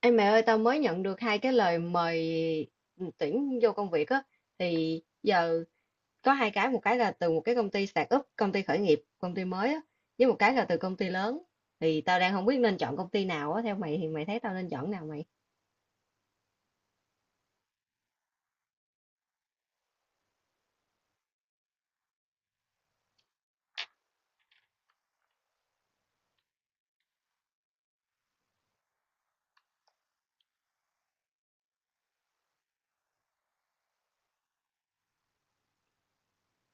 Ê mẹ ơi, tao mới nhận được hai cái lời mời tuyển vô công việc á thì giờ có hai cái, một cái là từ một cái công ty start up, công ty khởi nghiệp, công ty mới á, với một cái là từ công ty lớn. Thì tao đang không biết nên chọn công ty nào á, theo mày thì mày thấy tao nên chọn nào mày?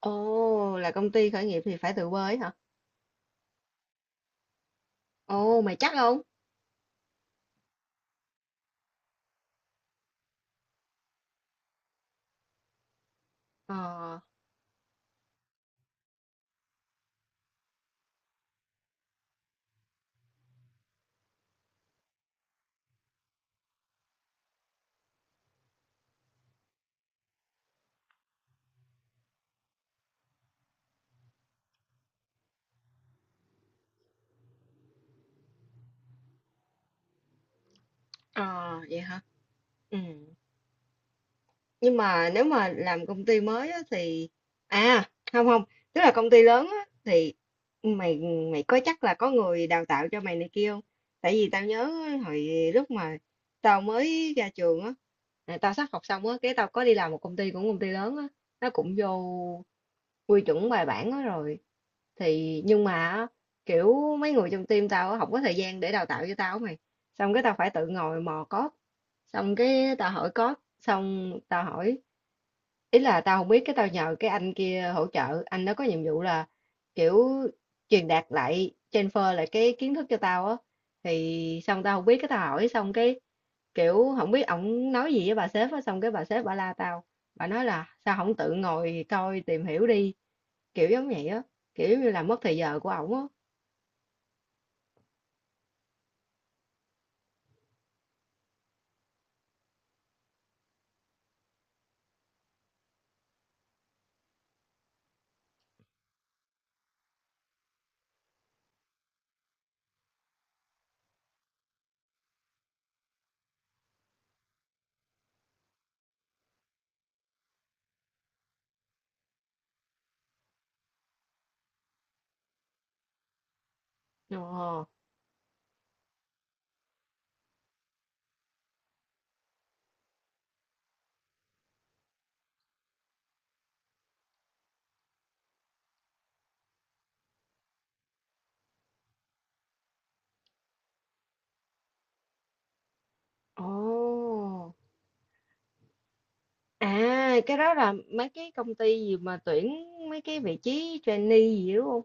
Ồ, là công ty khởi nghiệp thì phải từ quê ấy hả? Ồ, mày chắc không? Ờ, ờ vậy hả? Ừ. Nhưng mà nếu mà làm công ty mới á, thì à không không tức là công ty lớn á, thì mày mày có chắc là có người đào tạo cho mày này kia không? Tại vì tao nhớ hồi lúc mà tao mới ra trường á, là tao sắp học xong á, cái tao có đi làm một công ty cũng công ty lớn á, nó cũng vô quy chuẩn bài bản á rồi thì nhưng mà á, kiểu mấy người trong team tao á, không có thời gian để đào tạo cho tao á mày xong cái tao phải tự ngồi mò code xong cái tao hỏi code xong tao hỏi ý là tao không biết cái tao nhờ cái anh kia hỗ trợ anh đó có nhiệm vụ là kiểu truyền đạt lại transfer lại cái kiến thức cho tao á thì xong tao không biết cái tao hỏi xong cái kiểu không biết ổng nói gì với bà sếp á xong cái bà sếp bà la tao bà nói là sao không tự ngồi coi tìm hiểu đi kiểu giống vậy á kiểu giống như là mất thời giờ của ổng á. Ồ. Ồ à, cái đó là mấy cái công ty gì mà tuyển mấy cái vị trí trainee gì đúng không?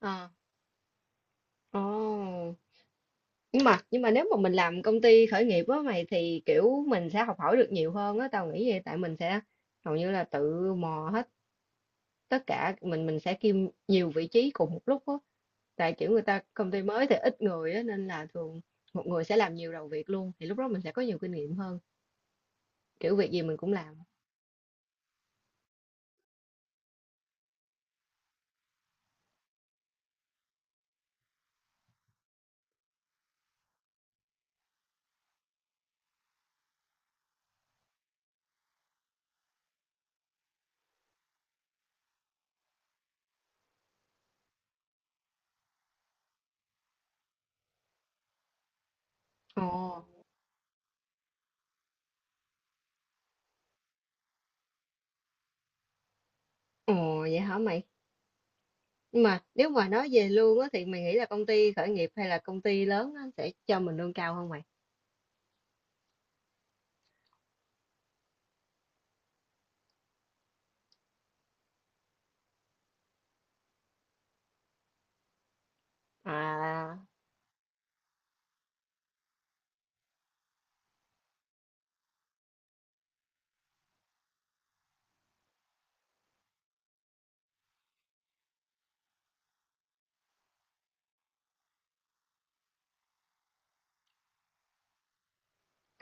Ờ. Ồ. Nhưng mà nếu mà mình làm công ty khởi nghiệp á mày thì kiểu mình sẽ học hỏi được nhiều hơn á tao nghĩ vậy tại mình sẽ hầu như là tự mò hết tất cả mình sẽ kiêm nhiều vị trí cùng một lúc á tại kiểu người ta công ty mới thì ít người á nên là thường một người sẽ làm nhiều đầu việc luôn thì lúc đó mình sẽ có nhiều kinh nghiệm hơn kiểu việc gì mình cũng làm. Ồ. Ồ vậy hả mày? Nhưng mà nếu mà nói về lương á thì mày nghĩ là công ty khởi nghiệp hay là công ty lớn á sẽ cho mình lương cao hơn mày? À.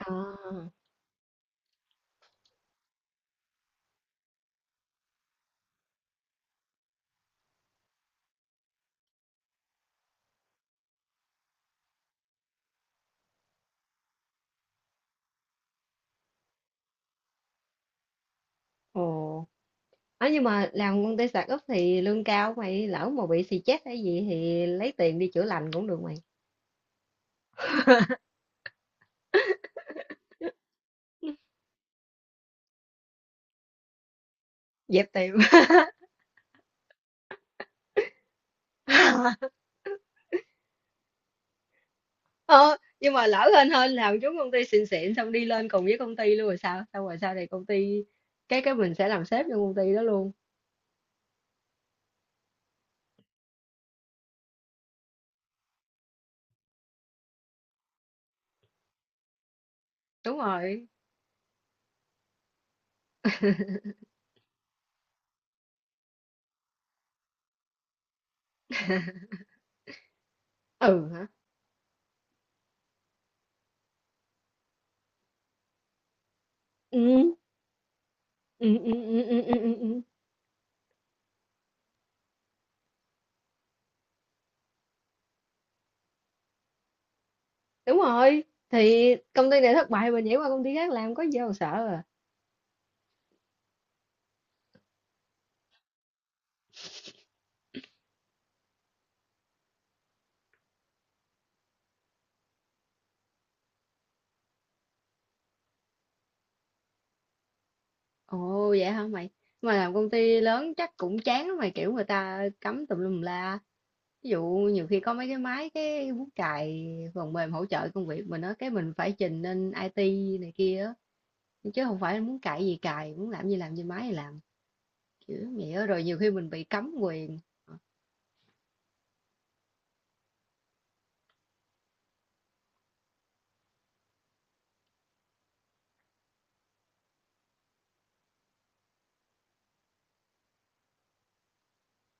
À. Ồ. Nói nhưng mà làm công ty sạc úp thì lương cao mày lỡ mà bị xì chết hay gì thì lấy tiền đi chữa lành cũng được mày. Dẹp tiệm. Ờ, nhưng mà lỡ hên hên làm chúng công ty xịn xịn xong đi lên cùng với công ty luôn rồi sao xong rồi sau này công ty cái mình sẽ làm sếp cho công ty đó luôn. Đúng rồi. Ừ hả. Ừ, ừ, ừ, ừ, ừ, ừ, ừ, ừ. Đúng rồi thì công ty này thất bại mình nhảy qua công ty khác làm có gì đâu mà sợ à. Ồ vậy hả mày? Mà làm công ty lớn chắc cũng chán lắm mày kiểu người ta cấm tùm lum la. Ví dụ nhiều khi có mấy cái máy cái bút chày phần mềm hỗ trợ công việc mình á cái mình phải trình lên IT này kia á chứ không phải muốn cài gì cài, muốn làm gì làm trên máy thì làm. Kiểu vậy á rồi nhiều khi mình bị cấm quyền.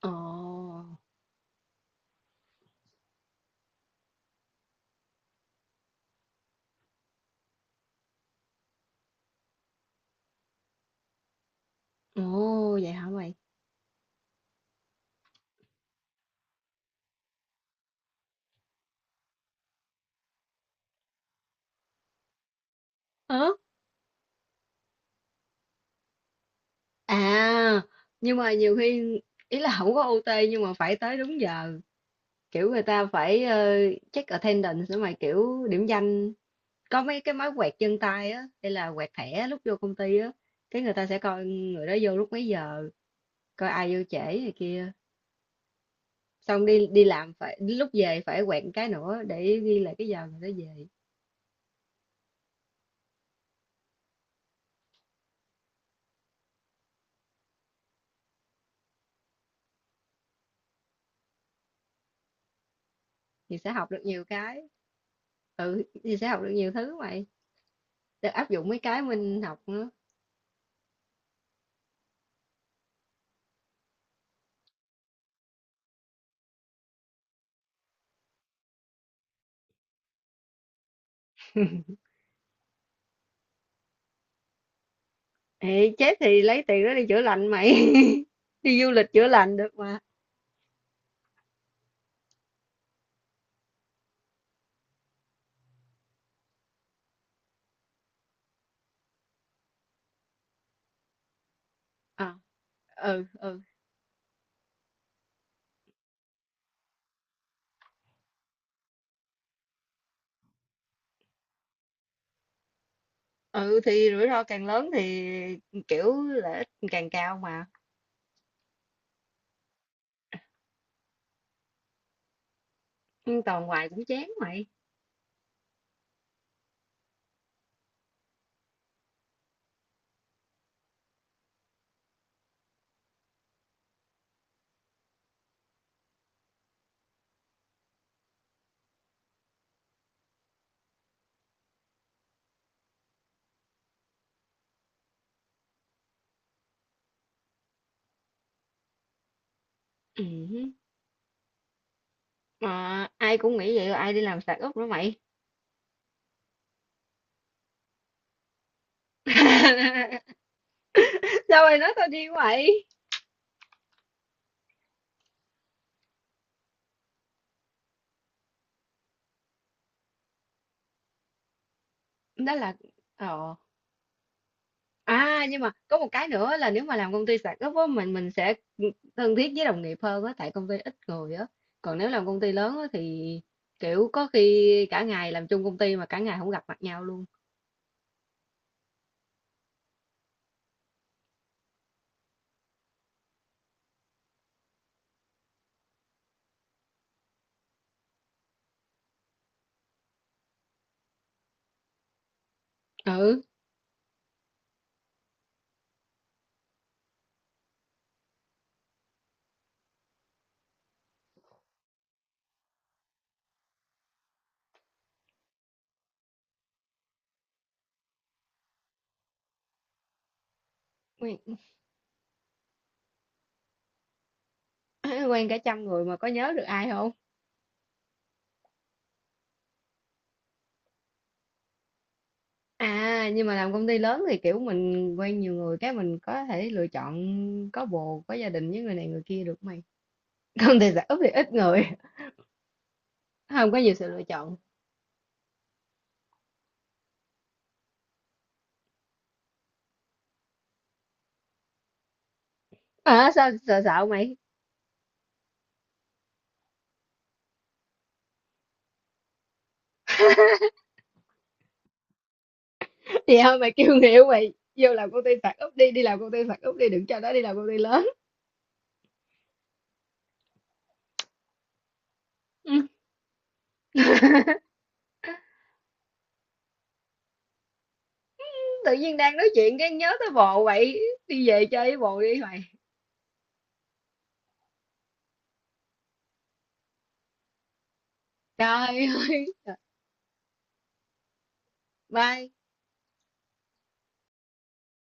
Ồ. Ồ vậy hả mày? Ờ? À, nhưng mà nhiều khi ý là không có OT nhưng mà phải tới đúng giờ. Kiểu người ta phải, ờ, check attendance nữa mà, kiểu, điểm danh có mấy cái máy quẹt chân tay á, hay là quẹt thẻ lúc vô công ty á, cái người ta sẽ coi người đó vô lúc mấy giờ, coi ai vô trễ này kia. Xong đi đi làm phải lúc về phải quẹt cái nữa để ghi lại cái giờ người đó về thì sẽ học được nhiều cái. Ừ, thì sẽ học được nhiều thứ mày. Được áp dụng mấy cái mình học nữa. Ê, chết thì lấy tiền đó đi chữa lành mày. Đi du lịch chữa lành được mà. À, ừ ừ. Ừ thì rủi ro càng lớn thì kiểu lợi ích càng cao mà nhưng toàn hoài cũng chán mày. Ừ. Mà ai cũng nghĩ vậy ai đi làm sạc ốc nữa mày? Sao mày nói tao đi vậy đó là ờ à nhưng mà có một cái nữa là nếu mà làm công ty sạc ốc á mình sẽ thân thiết với đồng nghiệp hơn á tại công ty ít người á còn nếu làm công ty lớn á thì kiểu có khi cả ngày làm chung công ty mà cả ngày không gặp mặt nhau luôn. Ừ. Quen, quen cả trăm người mà có nhớ được ai không? À, nhưng mà làm công ty lớn thì kiểu mình quen nhiều người cái mình có thể lựa chọn có bồ, có gia đình với người này người kia được mày. Công ty startup thì ít người, không có nhiều sự lựa chọn. À, sao sợ sợ mày? Vậy thôi mày kêu người yêu mày vô làm công ty startup đi, đi làm công ty startup đi, đừng cho nó đi làm công ty lớn. Ừ. Tự nhiên đang nói chuyện cái nhớ tới bồ vậy, đi về chơi với bồ đi mày. Trời ơi. Bye.